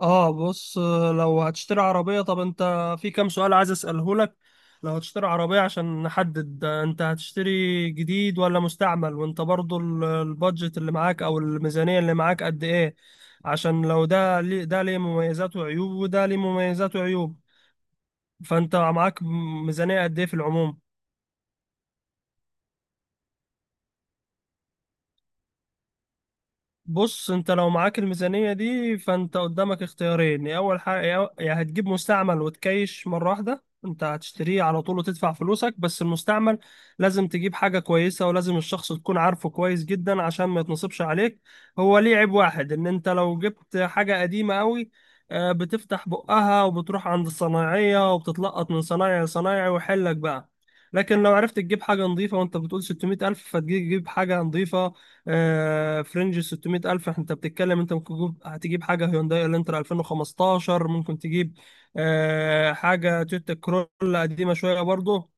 اه بص. لو هتشتري عربية، طب انت في كام سؤال عايز اسأله لك. لو هتشتري عربية، عشان نحدد انت هتشتري جديد ولا مستعمل، وانت برضو البادجت اللي معاك او الميزانية اللي معاك قد ايه؟ عشان لو ده ليه، ده ليه مميزات وعيوب، وده ليه مميزات وعيوب. فانت معاك ميزانية قد ايه في العموم؟ بص، انت لو معاك الميزانية دي، فانت قدامك اختيارين. يا اول حاجة، يا هتجيب مستعمل وتكيش مرة واحدة، انت هتشتريه على طول وتدفع فلوسك. بس المستعمل لازم تجيب حاجة كويسة، ولازم الشخص تكون عارفه كويس جدا عشان ما يتنصبش عليك. هو ليه عيب واحد، ان انت لو جبت حاجة قديمة قوي، بتفتح بقها وبتروح عند الصنايعية وبتتلقط من صنايعي لصنايعي ويحلك بقى. لكن لو عرفت تجيب حاجة نظيفة، وانت بتقول 600 ألف، فتجيب حاجة نظيفة. فرنج 600 ألف انت بتتكلم، انت ممكن تجيب، هتجيب حاجة هيونداي الانترا 2015 ممكن تجيب، حاجة تويوتا كرولا قديمة شوية برضه.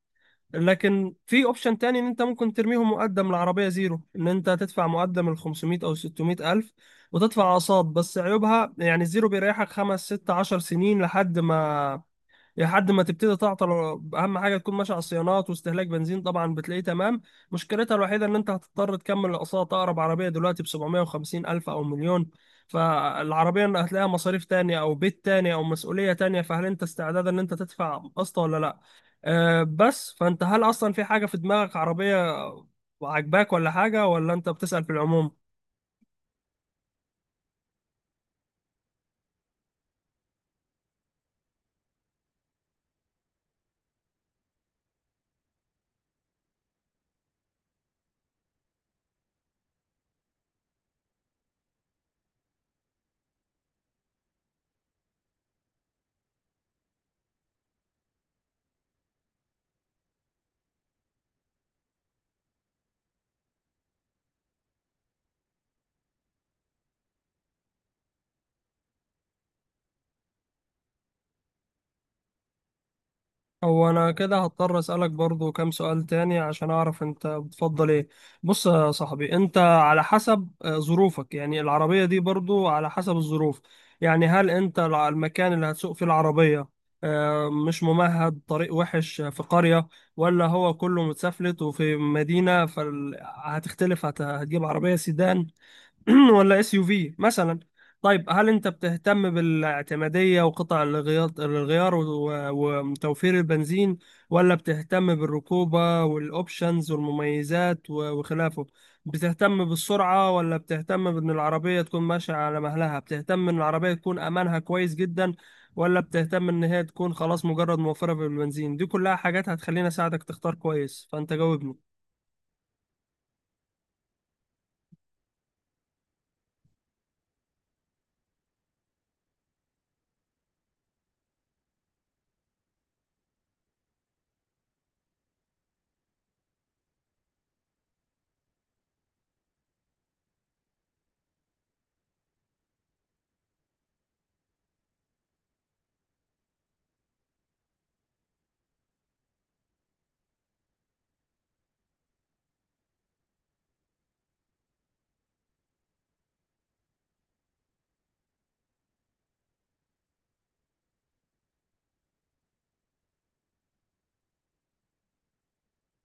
لكن في اوبشن تاني، ان انت ممكن ترميهم مقدم، العربية زيرو، ان انت تدفع مقدم ال 500 او 600 ألف وتدفع أقساط. بس عيوبها يعني الزيرو بيريحك خمس ست عشر سنين لحد ما، تبتدي تعطل. اهم حاجه تكون ماشي على الصيانات، واستهلاك بنزين طبعا بتلاقيه تمام. مشكلتها الوحيده ان انت هتضطر تكمل الاقساط. اقرب عربيه دلوقتي ب 750 الف او مليون، فالعربيه إن هتلاقيها مصاريف تانية او بيت تاني او مسؤوليه تانية، فهل انت استعداد ان انت تدفع قسط ولا لا؟ بس فانت هل اصلا في حاجه في دماغك، عربيه عاجباك، ولا حاجه، ولا انت بتسأل في العموم؟ هو انا كده هضطر اسالك برضو كام سؤال تاني عشان اعرف انت بتفضل ايه. بص يا صاحبي، انت على حسب ظروفك، يعني العربية دي برضو على حسب الظروف. يعني هل انت المكان اللي هتسوق فيه العربية مش ممهد، طريق وحش في قرية، ولا هو كله متسفلت وفي مدينة، فهتختلف. هتجيب عربية سيدان ولا اس يو في مثلا؟ طيب هل انت بتهتم بالاعتماديه وقطع الغيار وتوفير البنزين، ولا بتهتم بالركوبه والاوبشنز والمميزات وخلافه؟ بتهتم بالسرعه، ولا بتهتم بان العربيه تكون ماشيه على مهلها؟ بتهتم ان العربيه تكون امانها كويس جدا، ولا بتهتم ان هي تكون خلاص مجرد موفره بالبنزين؟ دي كلها حاجات هتخليني اساعدك تختار كويس، فانت جاوبني.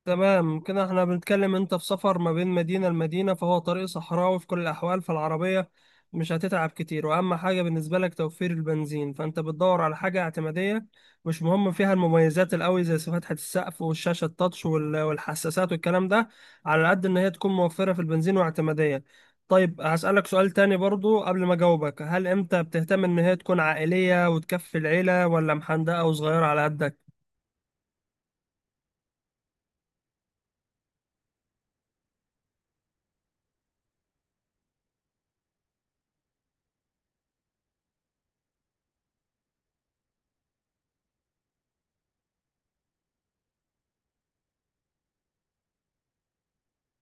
تمام، كده احنا بنتكلم انت في سفر ما بين مدينة لمدينة، فهو طريق صحراوي في كل الأحوال، فالعربية مش هتتعب كتير. وأهم حاجة بالنسبة لك توفير البنزين، فأنت بتدور على حاجة اعتمادية، مش مهم فيها المميزات القوي زي فتحة السقف والشاشة التاتش والحساسات والكلام ده. على قد إن هي تكون موفرة في البنزين واعتمادية. طيب هسألك سؤال تاني برضو قبل ما أجاوبك. هل أنت بتهتم إن هي تكون عائلية وتكفي العيلة، ولا محندقة وصغيرة على قدك؟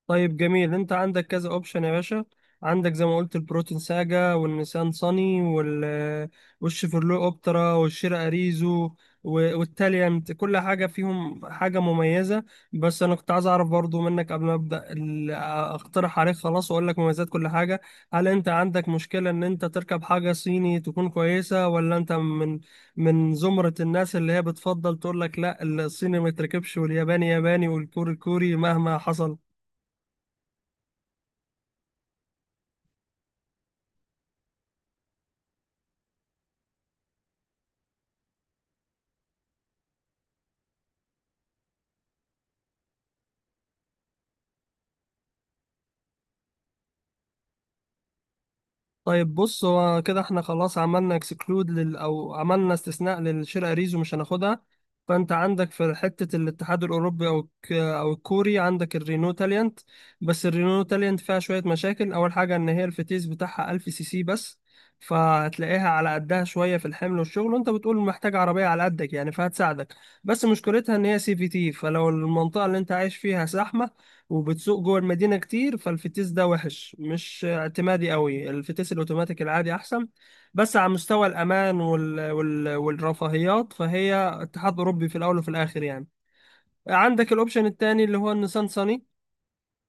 طيب جميل. انت عندك كذا اوبشن يا باشا. عندك زي ما قلت البروتين ساجا، والنيسان صني، وال والشيفرلو اوبترا، والشير اريزو، والتاليانت. كل حاجه فيهم حاجه مميزه. بس انا كنت عايز اعرف برضو منك قبل ما ابدا اقترح عليك خلاص واقول لك مميزات كل حاجه. هل انت عندك مشكله ان انت تركب حاجه صيني تكون كويسه، ولا انت من زمره الناس اللي هي بتفضل تقول لك لا، الصيني ما يتركبش، والياباني ياباني، والكوري كوري مهما حصل؟ طيب بص، هو كده احنا خلاص عملنا اكسكلود لل او عملنا استثناء للشرق ريزو مش هناخدها. فانت عندك في حتة الاتحاد الاوروبي، او الكوري عندك الرينو تاليانت. بس الرينو تاليانت فيها شوية مشاكل. اول حاجة ان هي الفتيس بتاعها 1000 سي سي بس، فهتلاقيها على قدها شوية في الحمل والشغل، وانت بتقول محتاج عربية على قدك يعني فهتساعدك. بس مشكلتها ان هي سي في تي، فلو المنطقة اللي انت عايش فيها زحمة وبتسوق جوه المدينة كتير، فالفتيس ده وحش، مش اعتمادي قوي. الفتيس الاوتوماتيك العادي احسن. بس على مستوى الامان والرفاهيات، فهي اتحاد اوروبي في الاول وفي الاخر يعني. عندك الاوبشن التاني اللي هو النيسان صني.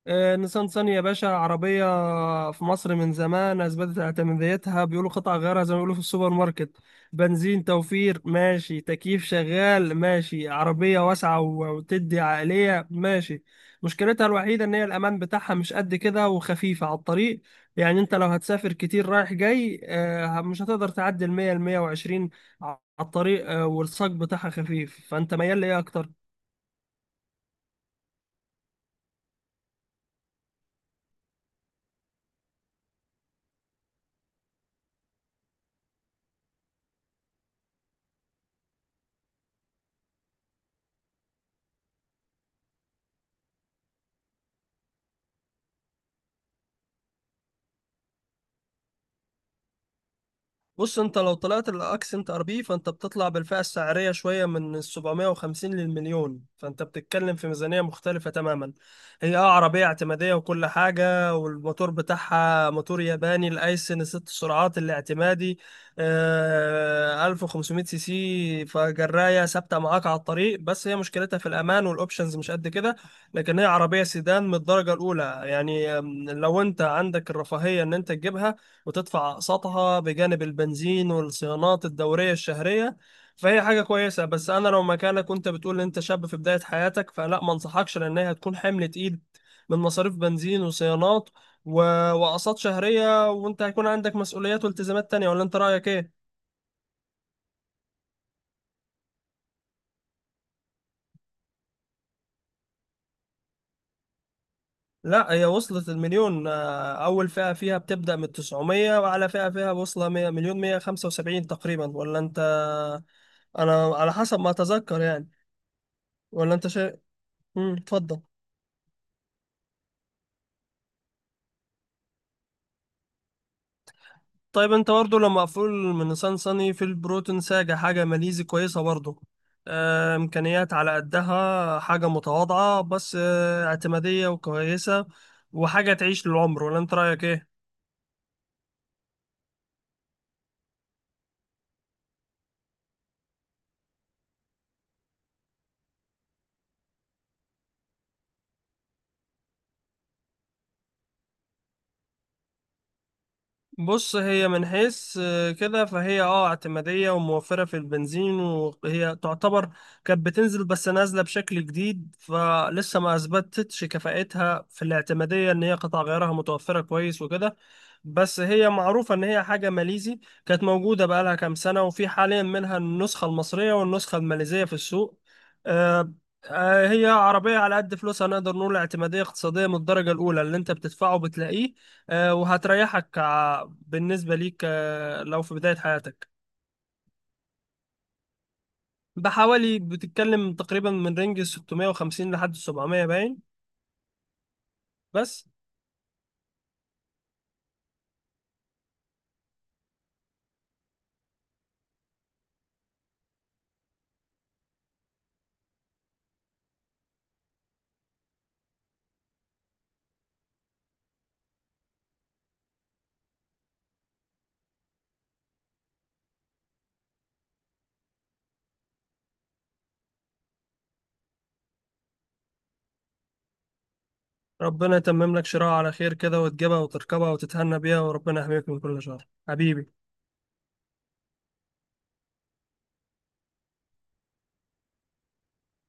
نيسان صني يا باشا، عربية في مصر من زمان أثبتت اعتماديتها. بيقولوا قطع غيارها زي ما بيقولوا في السوبر ماركت. بنزين توفير ماشي، تكييف شغال ماشي، عربية واسعة وتدي عقلية ماشي. مشكلتها الوحيدة إن هي الأمان بتاعها مش قد كده، وخفيفة على الطريق. يعني أنت لو هتسافر كتير رايح جاي، مش هتقدر تعدي المية، المية وعشرين على الطريق. والصاج بتاعها خفيف. فأنت ميال لإيه أكتر؟ بص، انت لو طلعت الاكسنت ار بي، فانت بتطلع بالفئه السعريه شويه، من ال 750 للمليون، فانت بتتكلم في ميزانيه مختلفه تماما. هي اه عربيه اعتماديه وكل حاجه، والموتور بتاعها موتور ياباني، الايسن ست سرعات الاعتمادي، آه 1500 سي سي، فجرايه ثابته معاك على الطريق. بس هي مشكلتها في الامان والاوبشنز مش قد كده. لكن هي عربيه سيدان من الدرجه الاولى يعني. لو انت عندك الرفاهيه ان انت تجيبها وتدفع أقساطها بجانب البنزين والصيانات الدورية الشهرية، فهي حاجة كويسة. بس أنا لو مكانك، وأنت بتقول إن أنت شاب في بداية حياتك، فلا، ما أنصحكش، لأن هي هتكون حمل تقيل من مصاريف بنزين وصيانات و... وأقساط شهرية، وأنت هيكون عندك مسؤوليات والتزامات تانية. ولا أنت رأيك إيه؟ لا، هي وصلت المليون. أول فئة فيها بتبدأ من 900، وأعلى فئة فيها واصلة 100 مليون 175 تقريبا، ولا أنت؟ أنا على حسب ما أتذكر يعني. ولا أنت شيء؟ اتفضل. طيب انت برضه لو مقفول من نيسان صني، في البروتون ساجة، حاجة ماليزي كويسة برضه. إمكانيات على قدها، حاجة متواضعة، بس اعتمادية وكويسة، وحاجة تعيش للعمر. ولا انت رأيك ايه؟ بص، هي من حيث كده، فهي اه اعتمادية وموفرة في البنزين. وهي تعتبر كانت بتنزل، بس نازلة بشكل جديد، فلسه ما اثبتتش كفاءتها في الاعتمادية ان هي قطع غيارها متوفرة كويس وكده. بس هي معروفة ان هي حاجة ماليزي، كانت موجودة بقالها كام سنة، وفي حاليا منها النسخة المصرية والنسخة الماليزية في السوق. آه، هي عربية على قد فلوسها، نقدر نقول اعتمادية اقتصادية من الدرجة الأولى، اللي أنت بتدفعه بتلاقيه. وهتريحك بالنسبة ليك لو في بداية حياتك. بحوالي بتتكلم تقريبا من رينج 650 لحد 700 باين. بس، ربنا يتمم لك شراء على خير كده، وتجيبها وتركبها وتتهنى بيها، وربنا يحميك من كل شر حبيبي.